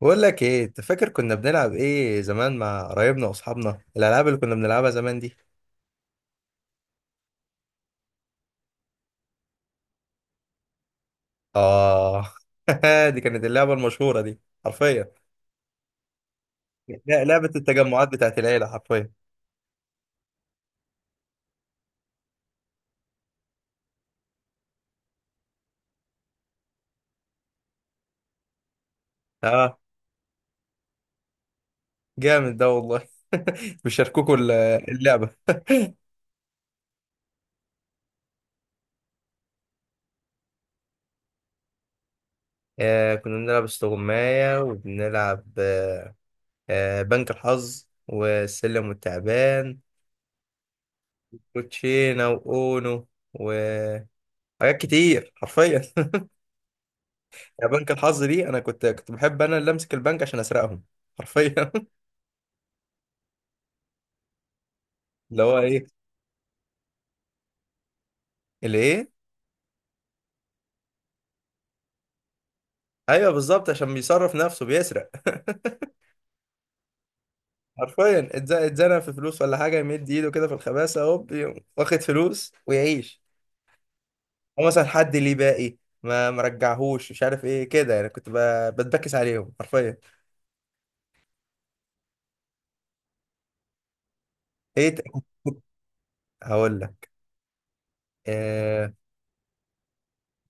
بقول لك ايه انت فاكر كنا بنلعب ايه زمان مع قرايبنا واصحابنا الالعاب اللي كنا بنلعبها زمان دي. اه. دي كانت اللعبه المشهوره دي حرفيا. لعبه التجمعات بتاعت العيله حرفيا. اه، جامد ده والله. بيشاركوكوا اللعبه. كنا بنلعب استغماية، وبنلعب بنك الحظ والسلم والتعبان وتشينا واونو وحاجات كتير حرفيا. يا بنك الحظ دي، انا كنت بحب انا اللي امسك البنك عشان اسرقهم حرفيا. اللي هو ايه؟ اللي ايه؟ ايوه بالظبط، عشان بيصرف نفسه بيسرق. حرفيا اتزنق في فلوس ولا حاجه، يمد ايده كده في الخباثه، هوب يقوم واخد فلوس ويعيش. او مثلا حد ليه باقي ما مرجعهوش، مش عارف ايه كده يعني، كنت بتبكس عليهم حرفيا. ايه هقول لك. آه،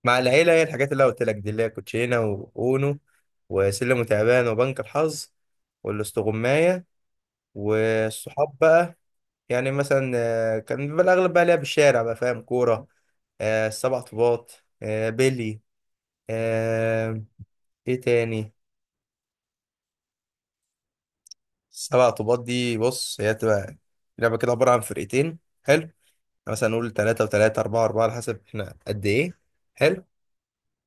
مع العيله هي الحاجات اللي أنا قلت لك دي، اللي هي كوتشينه واونو وسلم وتعبان وبنك الحظ والاستغمايه. والصحاب بقى يعني مثلا، كان بيبقى الأغلب بقى لعب الشارع، بقى فاهم؟ كورة، السبع طوبات، بيلي، آه، إيه تاني؟ السبع طوبات دي بص هي بتبقى لعبة كده عبارة عن فرقتين. حلو. مثلا نقول تلاتة وتلاتة، أربعة أربعة، على حسب إحنا قد إيه. حلو.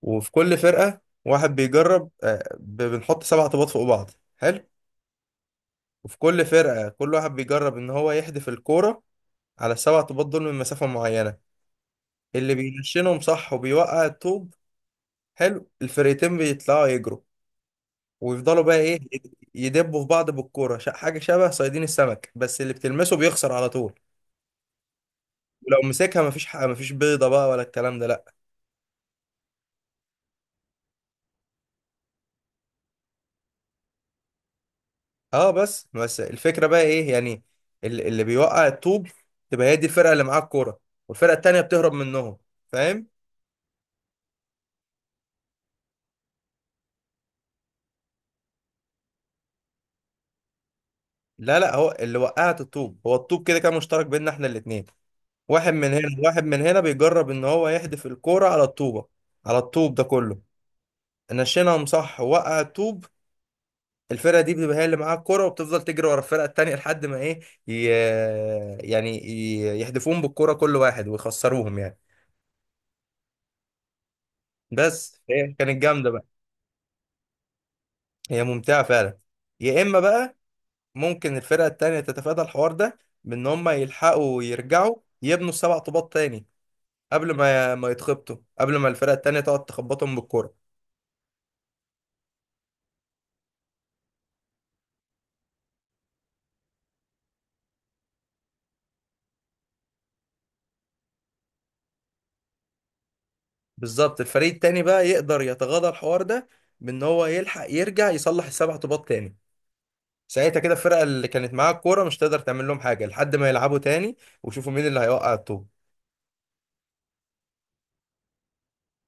وفي كل فرقة واحد بيجرب، بنحط سبع طوبات فوق بعض. حلو. وفي كل فرقة كل واحد بيجرب إن هو يحدف الكورة على السبع طوبات دول من مسافة معينة. اللي بينشنهم صح، وبيوقع الطوب. حلو، الفرقتين بيطلعوا يجروا ويفضلوا بقى ايه، يدبوا في بعض بالكوره، حاجه شبه صيادين السمك، بس اللي بتلمسه بيخسر على طول. ولو مسكها مفيش حق، مفيش بيضه بقى ولا الكلام ده، لا. اه، بس بس الفكره بقى ايه يعني، اللي بيوقع الطوب تبقى هي دي الفرقه اللي معاها الكوره، والفرقه التانيه بتهرب منهم، فاهم؟ لا لا، هو اللي وقعت الطوب، هو الطوب كده كان مشترك بيننا احنا الاتنين، واحد من هنا واحد من هنا بيجرب ان هو يحدف الكوره على الطوبه، على الطوب ده كله. نشينهم صح وقع الطوب، الفرقه دي بتبقى هي اللي معاها الكوره، وبتفضل تجري ورا الفرقه التانيه لحد ما ايه، ي... آه، يعني ي... يحدفوهم بالكوره كل واحد ويخسروهم يعني. بس هي كانت جامده بقى. هي ممتعه فعلا. يا اما بقى ممكن الفرقه التانيه تتفادى الحوار ده، بان هم يلحقوا يرجعوا يبنوا سبع طوبات تاني، قبل ما يتخبطوا، قبل ما الفرقه التانيه تقعد تخبطهم بالكوره. بالظبط، الفريق التاني بقى يقدر يتغاضى الحوار ده، بان هو يلحق يرجع يصلح السبع طوبات تاني. ساعتها كده الفرقه اللي كانت معاها الكوره مش تقدر تعمل لهم حاجه، لحد ما يلعبوا تاني ويشوفوا مين اللي هيوقع الطوب.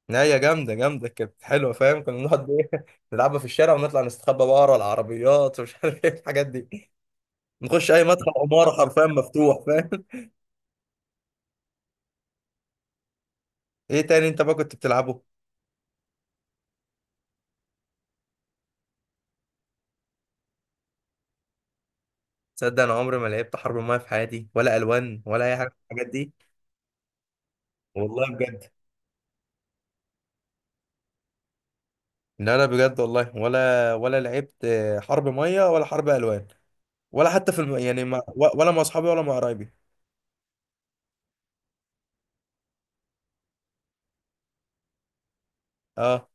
نهايه جامده، جامده كانت حلوه، فاهم؟ كنا نقعد ايه نلعبها في الشارع، ونطلع نستخبى بقى ورا العربيات، ومش عارف ايه الحاجات دي. نخش اي مدخل عماره حرفيا مفتوح، فاهم؟ ايه تاني انت بقى كنت بتلعبه؟ تصدق انا عمري ما لعبت حرب المايه في حياتي، ولا الوان، ولا اي حاجه من الحاجات دي. والله بجد، لا لا بجد والله، ولا ولا لعبت حرب ميه ولا حرب الوان، ولا حتى في الم... يعني ما... ولا مع اصحابي ولا مع قرايبي. اه.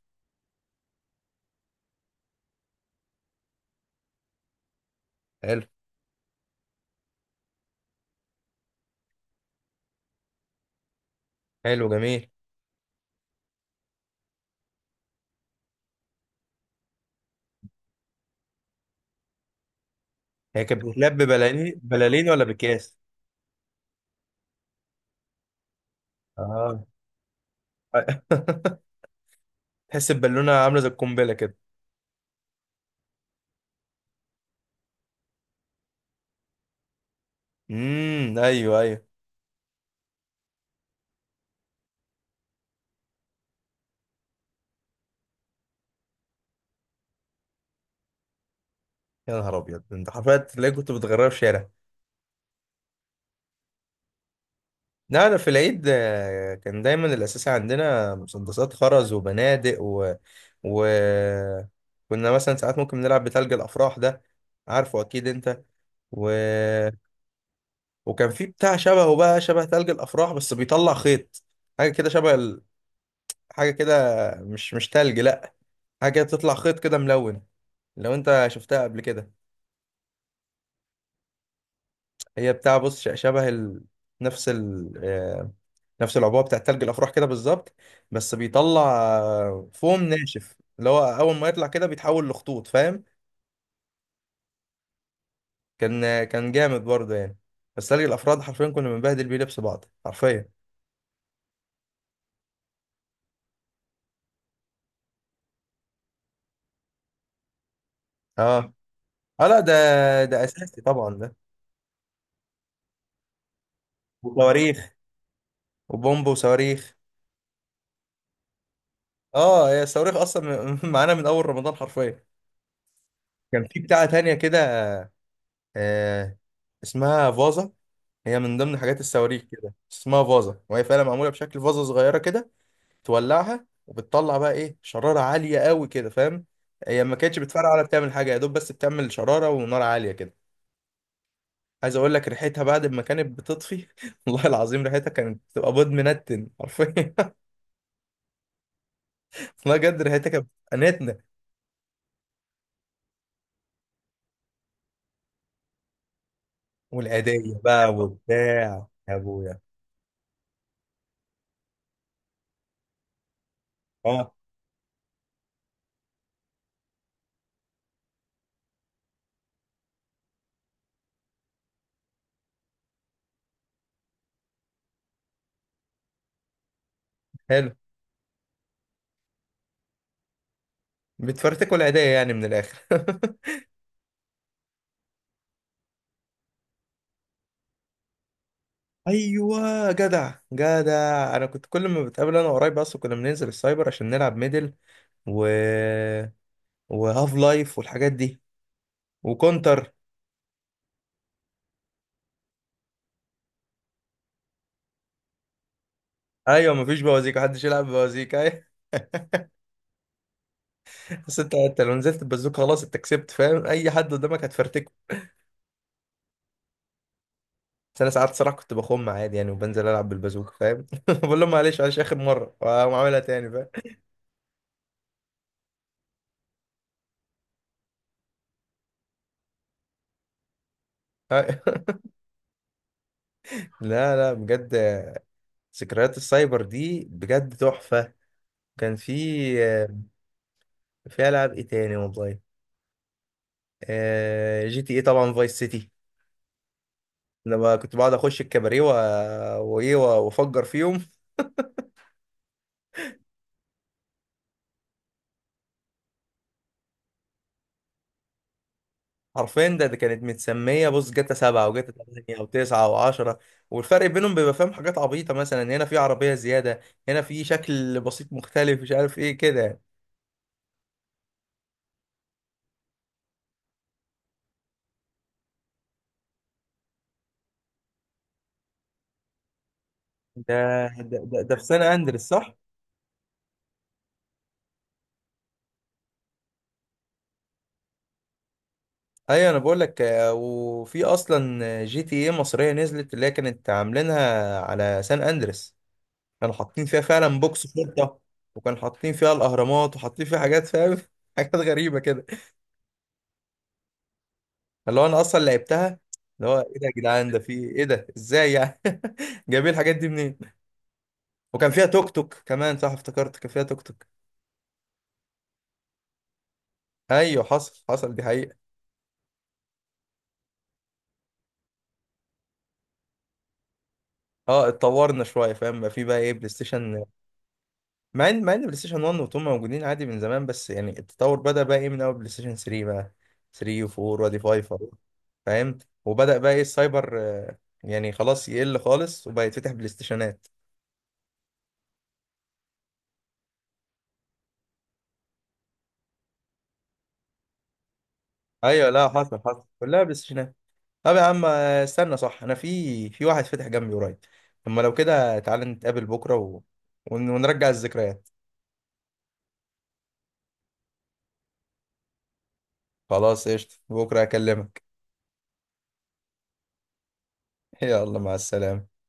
حلو. حلو جميل. هي كانت بتتلعب ببلالين، بلالين ولا بكاس؟ اه. تحس البالونه عامله زي القنبله كده. ايوه ايوه. يا نهار ابيض، انت حرفيا تلاقي كنت بتغرقها في شارع. لا أنا في العيد كان دايما الأساس عندنا مسدسات خرز وبنادق و... كنا مثلا ساعات ممكن نلعب بتلج الأفراح ده، عارفه أكيد أنت. و... وكان في بتاع شبهه بقى، شبه تلج الأفراح بس بيطلع خيط. حاجة كده شبه حاجة كده، مش مش تلج، لأ، حاجة كده بتطلع خيط كده ملون، لو أنت شفتها قبل كده. هي بتاع بص شبه ال... نفس ال... آه، نفس العبوه بتاع تلج الافراح كده بالظبط، بس بيطلع فوم ناشف، اللي هو اول ما يطلع كده بيتحول لخطوط، فاهم؟ كان كان جامد برضه يعني. بس تلج الافراد حرفيا كنا بنبهدل بيه لبس بعض حرفيا. اه. اه لا ده، ده اساسي طبعا ده. وصواريخ، وبومب وصواريخ. اه، هي الصواريخ اصلا معانا من اول رمضان حرفيا. كان في بتاعه تانية كده، آه، اسمها فازا. هي من ضمن حاجات الصواريخ كده، اسمها فازة، وهي فعلا معمولة بشكل فازة صغيرة كده. تولعها وبتطلع بقى ايه، شرارة عالية قوي كده، فاهم؟ هي ما كانتش بتفرقع ولا بتعمل حاجة، يا دوب بس بتعمل شرارة ونار عالية كده. عايز اقول لك، ريحتها بعد ما كانت بتطفي والله العظيم ريحتها كانت بتبقى بيض منتن حرفيا. والله بجد ريحتها كانت بتنتنة. والعيدية بقى وبتاع، يا ابويا! اه، حلو. بتفرتكوا العيدية يعني من الاخر. ايوه جدع جدع، انا كنت كل ما بتقابل انا وقرايبي اصلا كنا بننزل السايبر عشان نلعب ميدل، و وهاف لايف والحاجات دي، وكونتر. ايوه، مفيش بوازيك، محدش يلعب بوازيك، ايوه. بس انت لو نزلت ببازوك خلاص انت كسبت، فاهم؟ اي حد قدامك هتفرتكه. بس انا ساعات صراحه كنت بخم عادي يعني، وبنزل العب بالبازوكه، فاهم؟ بقول لهم معلش معلش اخر مره واقوم عاملها تاني، فاهم؟ لا لا بجد، ذكريات السايبر دي بجد تحفه. كان في العاب ايه تاني والله. آه، جي تي ايه طبعا، فايس سيتي، لما كنت بقعد اخش الكباريه وايه وافجر فيهم حرفيا. ده كانت متسميه بص، جاتا سبعة وجاتا تمانية وتسعة وعشرة. والفرق بينهم بيبقى فاهم حاجات عبيطه، مثلا هنا في عربيه زياده، هنا في شكل بسيط مختلف، مش عارف ايه كده يعني. ده في سان اندريس صح؟ ايوه انا بقول لك، وفي اصلا جي تي ايه مصريه نزلت، اللي هي كانت عاملينها على سان اندريس. كانوا حاطين فيها فعلا بوكس شرطه، وكانوا حاطين فيها الاهرامات، وحاطين فيها حاجات، فاهم؟ حاجات غريبه كده. اللي هو انا اصلا لعبتها، اللي هو ايه ده يا جدعان؟ ده في ايه ده؟ ازاي يعني؟ جايبين الحاجات دي منين؟ وكان فيها توك توك كمان صح، افتكرت، كان فيها توك توك. ايوه حصل حصل، دي حقيقه. اه، اتطورنا شويه، فاهم؟ بقى في بقى ايه، بلاي ستيشن. مع ان بلاي ستيشن 1 و2 موجودين عادي من زمان، بس يعني التطور بدأ بقى ايه من اول بلاي ستيشن 3 بقى، 3 و4 وادي 5 أهو، فاهم؟ وبدأ بقى ايه السايبر يعني خلاص يقل خالص، وبقى يتفتح بلاي ستيشنات. ايوه لا حصل حصل، كلها بلاي ستيشنات. طب يا عم استنى صح، انا في واحد فتح جنبي قريب، اما لو كده تعالى نتقابل بكره ونرجع الذكريات. خلاص قشطة، بكره اكلمك. يلا مع السلامه.